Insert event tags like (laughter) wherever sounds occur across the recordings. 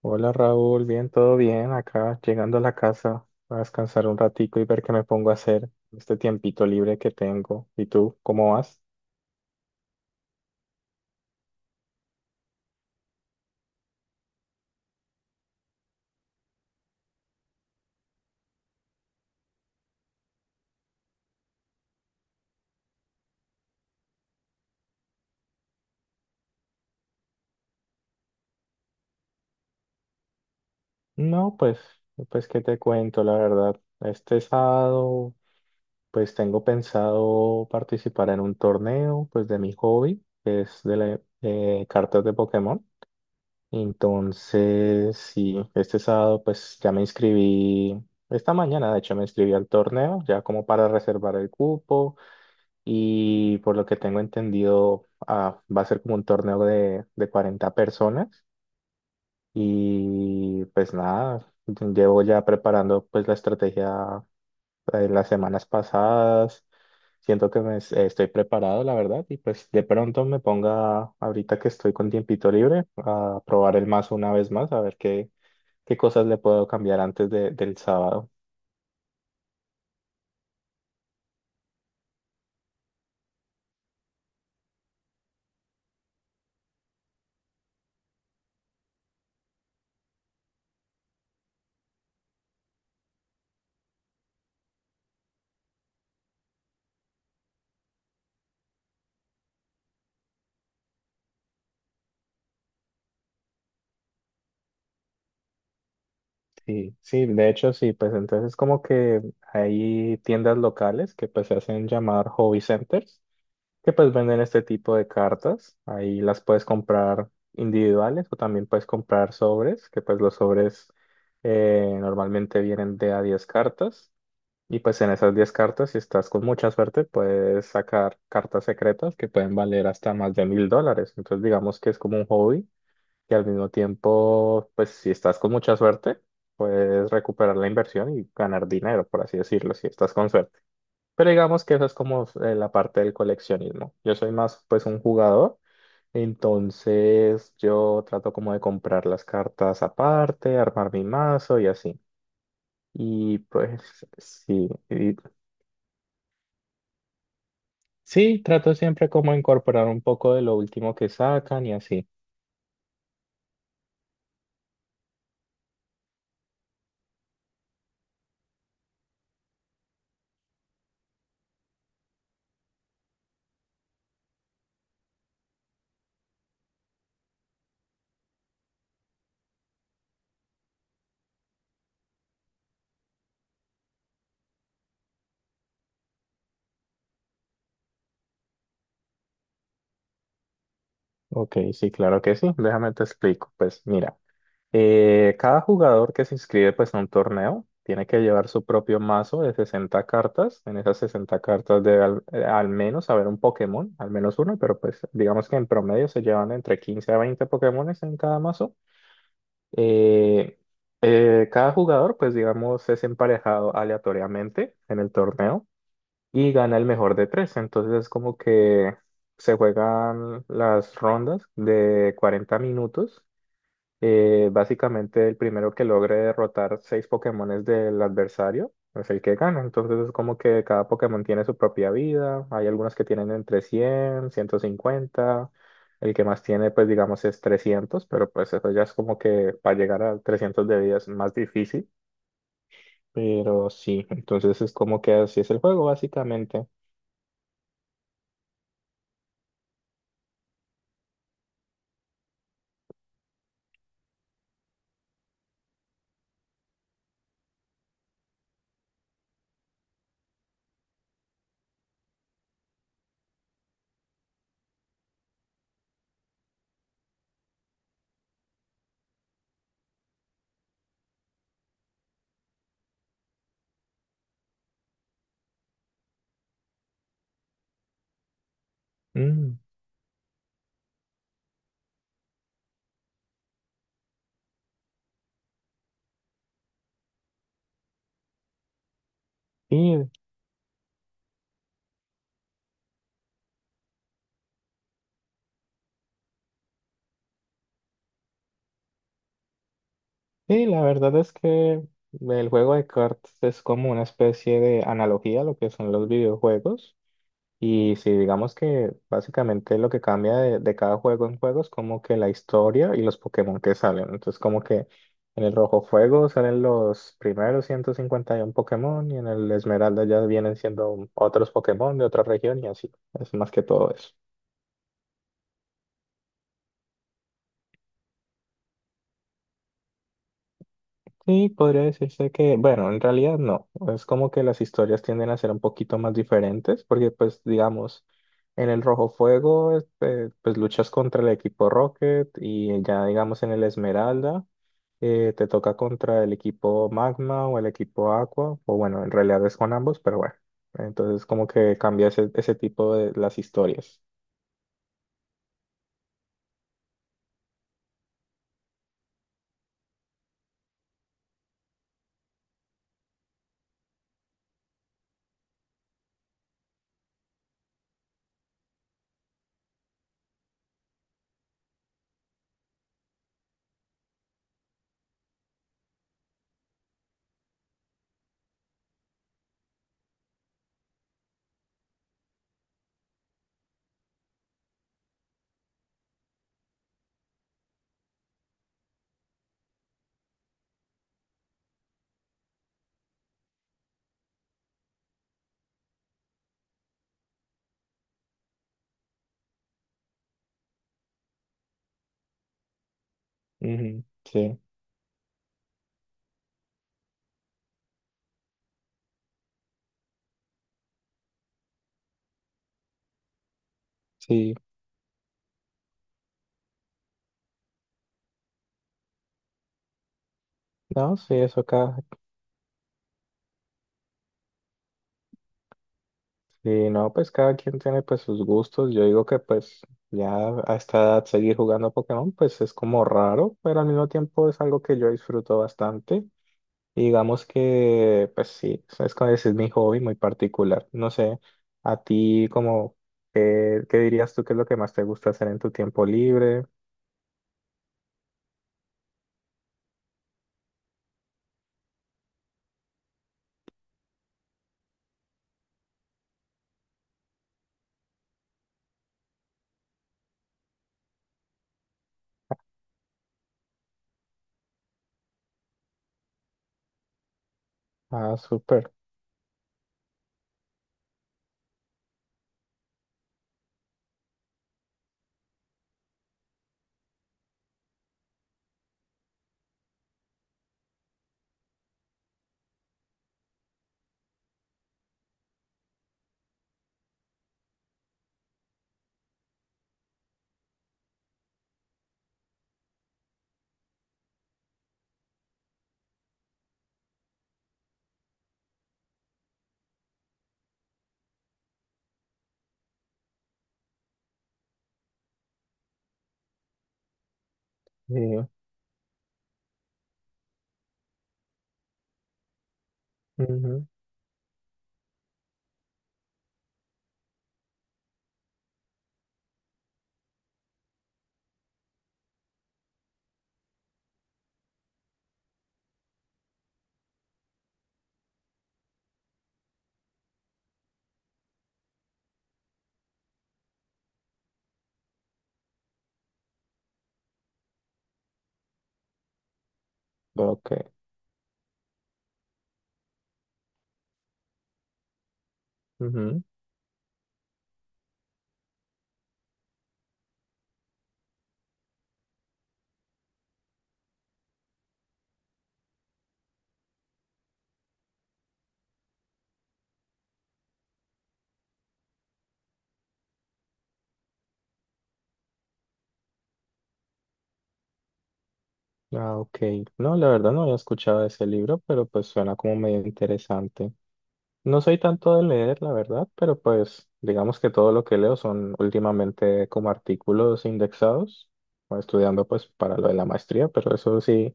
Hola Raúl, bien, todo bien acá, llegando a la casa a descansar un ratico y ver qué me pongo a hacer en este tiempito libre que tengo. ¿Y tú, cómo vas? No, pues qué te cuento, la verdad. Este sábado, pues tengo pensado participar en un torneo, pues de mi hobby, que es de cartas de Pokémon. Entonces, sí, este sábado, pues ya me inscribí, esta mañana, de hecho, me inscribí al torneo, ya como para reservar el cupo. Y por lo que tengo entendido, va a ser como un torneo de 40 personas, y pues nada, llevo ya preparando pues la estrategia las semanas pasadas. Siento que estoy preparado, la verdad, y pues de pronto me ponga ahorita que estoy con tiempito libre a probar el mazo una vez más, a ver qué cosas le puedo cambiar antes del sábado. Sí, sí, de hecho sí, pues entonces como que hay tiendas locales que pues se hacen llamar hobby centers, que pues venden este tipo de cartas. Ahí las puedes comprar individuales o también puedes comprar sobres, que pues los sobres normalmente vienen de a 10 cartas, y pues en esas 10 cartas, si estás con mucha suerte, puedes sacar cartas secretas que pueden valer hasta más de 1000 dólares. Entonces digamos que es como un hobby que al mismo tiempo, pues si estás con mucha suerte, puedes recuperar la inversión y ganar dinero, por así decirlo, si estás con suerte. Pero digamos que eso es como la parte del coleccionismo. Yo soy más pues un jugador, entonces yo trato como de comprar las cartas aparte, armar mi mazo y así. Y pues sí, y- sí, trato siempre como incorporar un poco de lo último que sacan y así. Ok, sí, claro que sí. Déjame te explico. Pues mira. Cada jugador que se inscribe pues a un torneo tiene que llevar su propio mazo de 60 cartas. En esas 60 cartas debe al menos haber un Pokémon, al menos uno, pero pues digamos que en promedio se llevan entre 15 a 20 Pokémones en cada mazo. Eh, Cada jugador pues digamos es emparejado aleatoriamente en el torneo y gana el mejor de tres. Entonces es como que se juegan las rondas de 40 minutos. Básicamente, el primero que logre derrotar seis Pokémones del adversario es el que gana. Entonces, es como que cada Pokémon tiene su propia vida. Hay algunos que tienen entre 100 150. El que más tiene, pues digamos, es trescientos, pero pues eso ya es como que para llegar a 300 de vida es más difícil. Pero sí, entonces es como que así es el juego, básicamente. Mm. Y, y la verdad es que el juego de cartas es como una especie de analogía a lo que son los videojuegos. Y si digamos que básicamente lo que cambia de cada juego en juego es como que la historia y los Pokémon que salen. Entonces como que en el Rojo Fuego salen los primeros 151 Pokémon y en el Esmeralda ya vienen siendo otros Pokémon de otra región y así. Es más que todo eso. Sí, podría decirse que, bueno, en realidad no. Es como que las historias tienden a ser un poquito más diferentes, porque pues digamos, en el Rojo Fuego, este, pues luchas contra el equipo Rocket, y ya digamos en el Esmeralda, te toca contra el equipo Magma o el equipo Aqua, o bueno, en realidad es con ambos, pero bueno, entonces como que cambia ese tipo de las historias. Ujú. Sí, sí, no, sí, eso acá. Y no, pues cada quien tiene pues sus gustos. Yo digo que pues ya a esta edad seguir jugando Pokémon pues es como raro, pero al mismo tiempo es algo que yo disfruto bastante. Y digamos que pues sí, es como ese es mi hobby muy particular. No sé, a ti como, ¿qué dirías tú que es lo que más te gusta hacer en tu tiempo libre? Ah, súper. Sí. Ujú. Ok. Ujú. Ah, ok. No, la verdad no había escuchado de ese libro, pero pues suena como medio interesante. No soy tanto de leer, la verdad, pero pues digamos que todo lo que leo son últimamente como artículos indexados, o estudiando pues para lo de la maestría, pero eso sí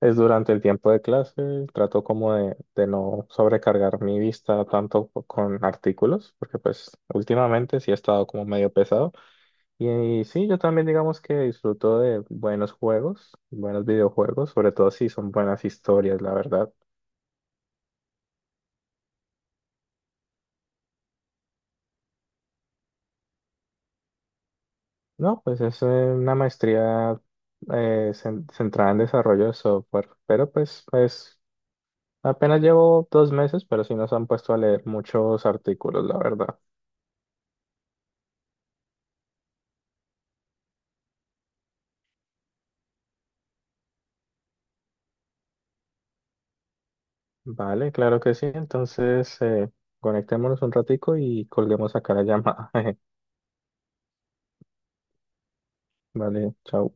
es durante el tiempo de clase. Trato como de no sobrecargar mi vista tanto con artículos, porque pues últimamente sí he estado como medio pesado. Y, y sí, yo también digamos que disfruto de buenos juegos, buenos videojuegos, sobre todo si son buenas historias, la verdad. No, pues es una maestría eh, centrada en desarrollo de software, pero pues apenas llevo 2 meses, pero sí nos han puesto a leer muchos artículos, la verdad. Vale, claro que sí. Entonces, conectémonos un ratico y colguemos acá la llamada. (laughs) Vale, chao.